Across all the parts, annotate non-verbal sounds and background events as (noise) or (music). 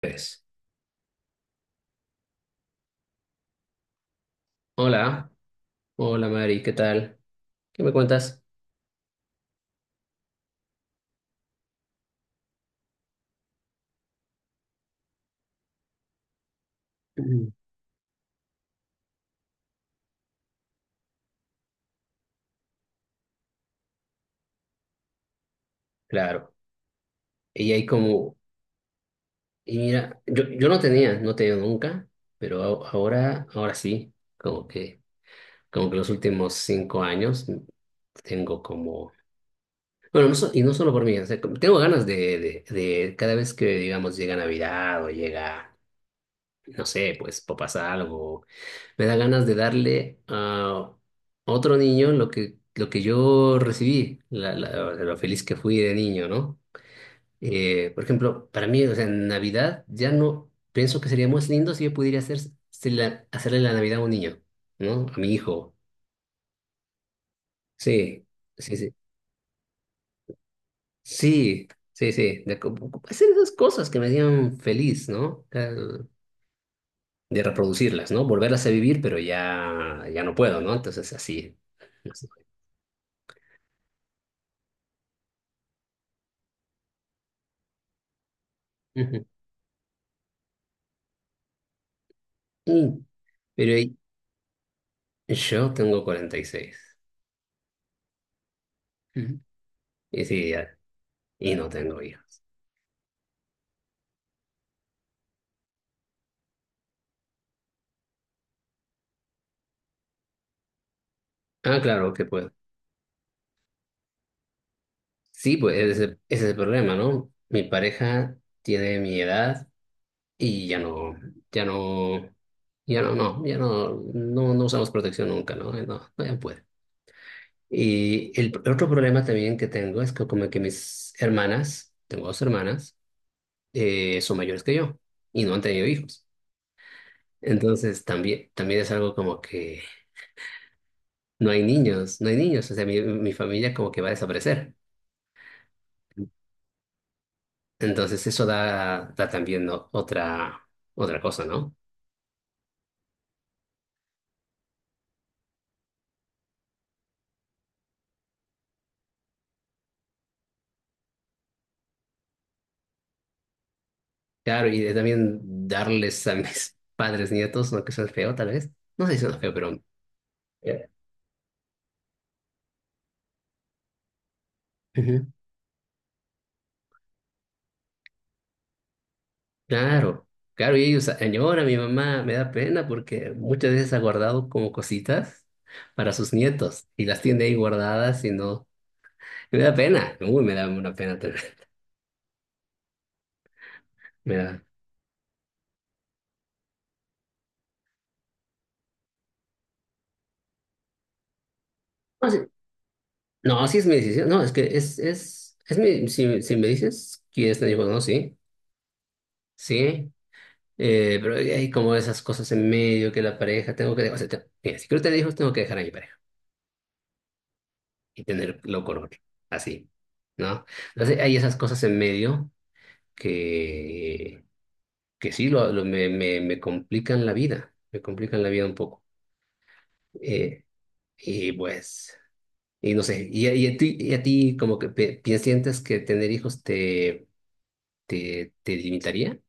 Pues, hola, hola Mari, ¿qué tal? ¿Qué me cuentas? Ujú. Claro, y hay como, y mira, yo no tenía, nunca, pero ahora sí, como que, los últimos 5 años tengo como, bueno, y no solo por mí, o sea, tengo ganas de, cada vez que, digamos, llega Navidad o llega, no sé, pues, o pasa algo, me da ganas de darle a otro niño lo que yo recibí, lo feliz que fui de niño, ¿no? Por ejemplo, para mí, o sea, en Navidad ya no, pienso que sería más lindo si yo pudiera hacer, hacerle la Navidad a un niño, ¿no? A mi hijo. Sí, sí, sí. Sí, sí, sí. De hacer esas cosas que me hacían feliz, ¿no? De reproducirlas, ¿no? Volverlas a vivir, pero ya no puedo, ¿no? Entonces, así. Así. Uh, pero yo tengo 46. Ujú. Y es ideal. Y no tengo hijos. Ah, claro que puedo. Sí, pues ese es el problema, ¿no? Mi pareja tiene mi edad y ya no, ya no, ya no usamos protección nunca, ¿no? No, no ya puede. Y el otro problema también que tengo es que como que mis hermanas, tengo dos hermanas, son mayores que yo y no han tenido hijos. Entonces también es algo como que no hay niños, no hay niños, o sea, mi familia como que va a desaparecer. Entonces eso da también otra cosa, ¿no? Claro, y de también darles a mis (laughs) padres nietos, aunque suene feo tal vez. No sé si suena feo, pero... eh, ujú. Claro, claro, y ellos añoran, mi mamá me da pena porque muchas veces ha guardado como cositas para sus nietos y las tiene ahí guardadas y no... me da pena, uy, me da una pena, terrible, (laughs) me da... No, sí es mi decisión. No, es que es, es mi, si me dices, ¿quieres tener hijos? No, sí, sí. Pero hay como esas cosas en medio que la pareja tengo que, o sea, mira, si quiero tener hijos, tengo que dejar a mi pareja y tenerlo con otro, así, ¿no? Entonces hay esas cosas en medio que, sí lo, me complican la vida, me complican la vida un poco. Eh, y pues, y no sé, y, y a ti, como que ¿sientes que tener hijos te limitaría?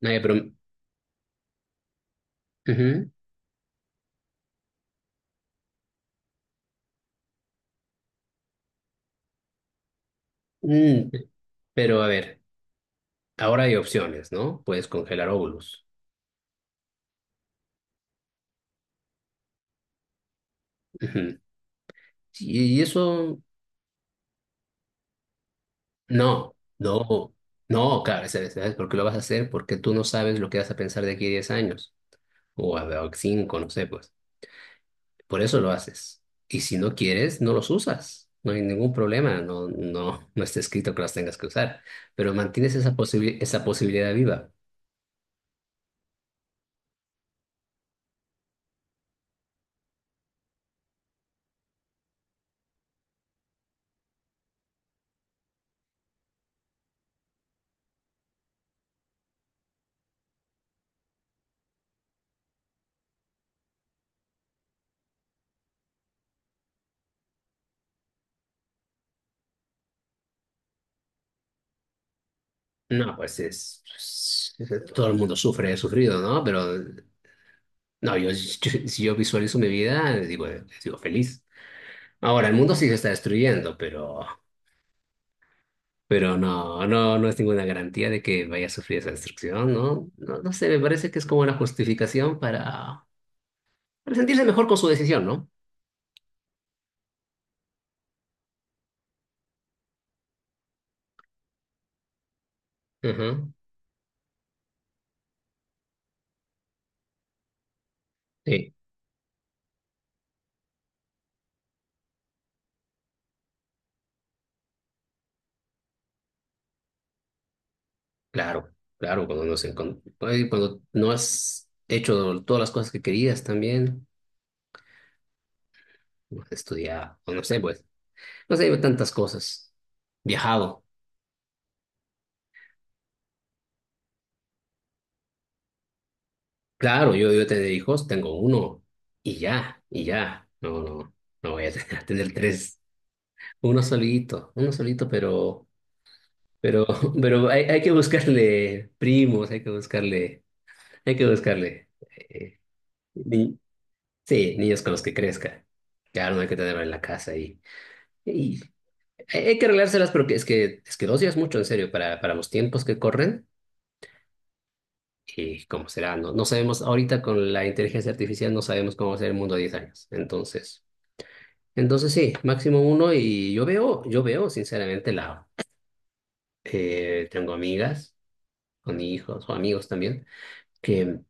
Nadie ujú. Mm, pero a ver, ahora hay opciones, ¿no? Puedes congelar óvulos. Ujú. Y eso, no, no, no, claro, ¿sabes por qué lo vas a hacer? Porque tú no sabes lo que vas a pensar de aquí a 10 años, o a cinco, no sé, pues. Por eso lo haces. Y si no quieres, no los usas. No hay ningún problema, no, no, no está escrito que los tengas que usar, pero mantienes esa esa posibilidad viva. No, pues es, todo el mundo sufre, he sufrido, ¿no? Pero no, si yo visualizo mi vida, digo, sigo feliz. Ahora, el mundo sí se está destruyendo, pero, no, no es ninguna garantía de que vaya a sufrir esa destrucción, ¿no? No, no sé, me parece que es como una justificación para, sentirse mejor con su decisión, ¿no? Ujú. Sí, claro, claro, cuando ay, cuando no has hecho todas las cosas que querías también, no has estudiado, o no sé, pues, no sé, tantas cosas. Viajado. Claro, yo tener hijos, tengo uno y ya, y ya. No, no, no voy a tener, (laughs) tener tres. Uno solito, pero, pero, (laughs) pero hay que buscarle primos, hay que buscarle, hay que buscarle. eh, ni- sí, niños con los que crezca. Claro, no hay que tenerlo en la casa y hay que arreglárselas porque es que dos ya es mucho, en serio, para, los tiempos que corren y cómo será. No, no sabemos, ahorita con la inteligencia artificial no sabemos cómo va a ser el mundo a 10 años. Entonces. Entonces sí, máximo uno y yo veo, sinceramente la, tengo amigas con hijos o amigos también, que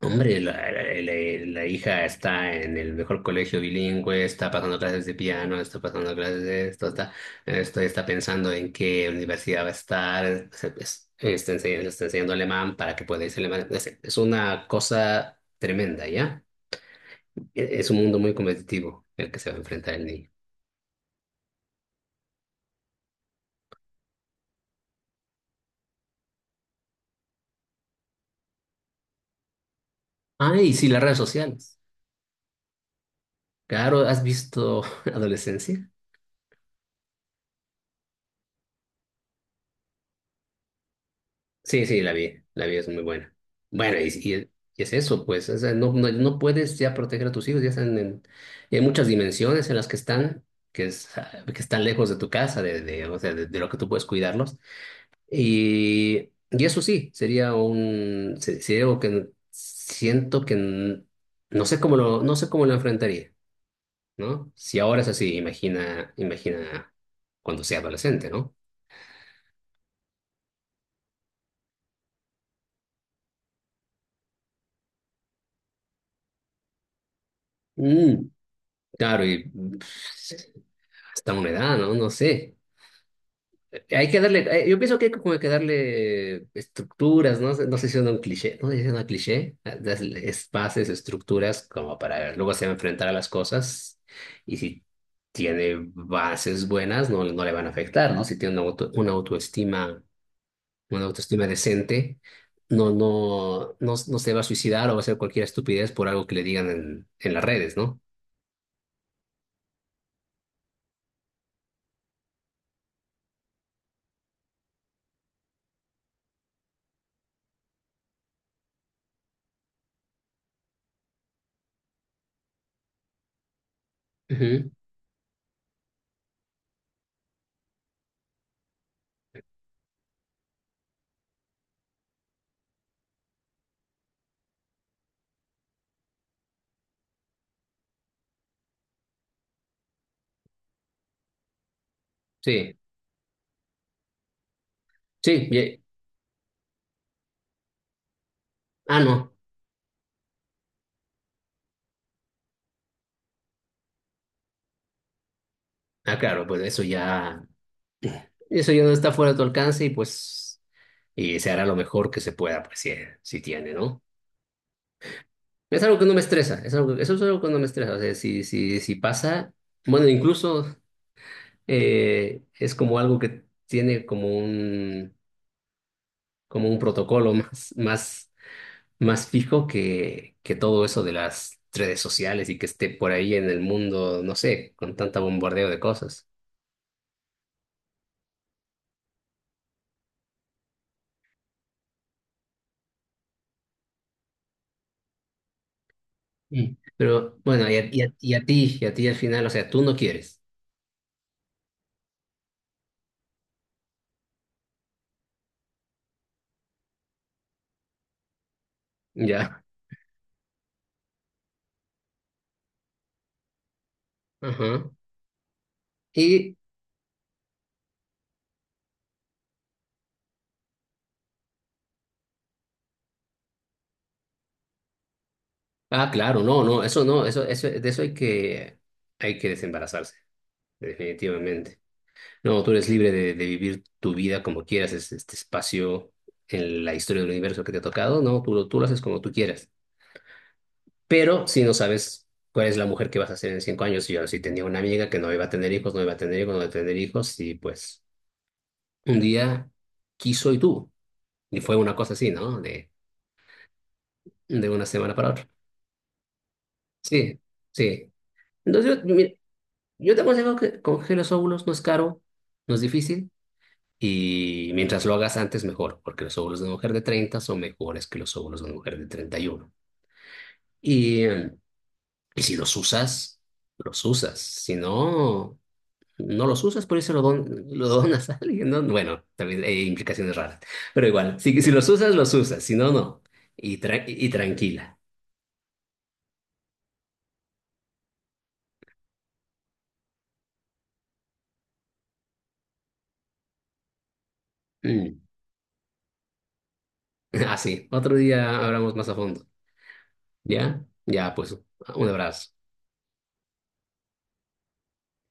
hombre, la, la hija está en el mejor colegio bilingüe, está pasando clases de piano, está pasando clases de esto, esto está pensando en qué universidad va a estar, está enseñando alemán para que pueda irse a alemán. Es una cosa tremenda, ¿ya? Es un mundo muy competitivo el que se va a enfrentar el niño. Ah, y sí, las redes sociales. Claro, ¿has visto (laughs) Adolescencia? Sí, sí, la vi, es muy buena. Bueno, y es eso, pues, o sea, no, no, no puedes ya proteger a tus hijos, ya están en, y hay muchas dimensiones en las que están, que, es, ah, que están lejos de tu casa, de, o sea, de, lo que tú puedes cuidarlos. Y eso sí, sería un, sería algo que siento que no sé cómo lo, no sé cómo lo enfrentaría, ¿no? Si ahora es así, imagina, imagina cuando sea adolescente, ¿no? Claro, y pues, hasta una edad, ¿no? No sé. Hay que darle, yo pienso que hay como que darle estructuras, ¿no? No sé si es un cliché, no sé si es una cliché, darle espacios, estructuras como para luego se va a enfrentar a las cosas y si tiene bases buenas, no, no le van a afectar, ¿no? Si tiene una una autoestima decente, no, no, no, no se va a suicidar o va a hacer cualquier estupidez por algo que le digan en las redes, ¿no? Ujú. Sí, sí, ah, no. Claro, pues eso ya no está fuera de tu alcance y pues y se hará lo mejor que se pueda, pues si, si tiene, ¿no? Es algo que no me estresa, es algo, eso es algo que no me estresa, o sea, si, si pasa, bueno, incluso es como algo que tiene como como un protocolo (laughs) más, más, más fijo que, todo eso de las redes sociales y que esté por ahí en el mundo, no sé, con tanta bombardeo de cosas. Mm. Pero bueno, y a, y a ti al final, o sea, tú no quieres. Ya. Ajá. Y, claro, no, no, eso no, eso, de eso hay que desembarazarse, definitivamente. No, tú eres libre de, vivir tu vida como quieras, este espacio en la historia del universo que te ha tocado, no, tú lo haces como tú quieras. Pero si no sabes cuál es la mujer que vas a ser en 5 años, yo sí tenía una amiga que no iba a tener hijos, no iba a tener hijos, no iba a tener hijos, y pues un día quiso y tuvo. Y fue una cosa así, ¿no? De, una semana para otra. Sí, sí. Entonces, mira, yo te aconsejo que congele los óvulos, no es caro, no es difícil, y mientras lo hagas antes, mejor, porque los óvulos de una mujer de 30 son mejores que los óvulos de una mujer de 31. Y, uno. Y si los usas, los usas. Si no, no los usas, por eso lo donas a alguien, ¿no? Bueno, también hay implicaciones raras, pero igual, si, los usas, si no, no. Y tranquila. Mm. (laughs) Así, otro día hablamos más a fondo, ¿ya? Ya, pues, un abrazo.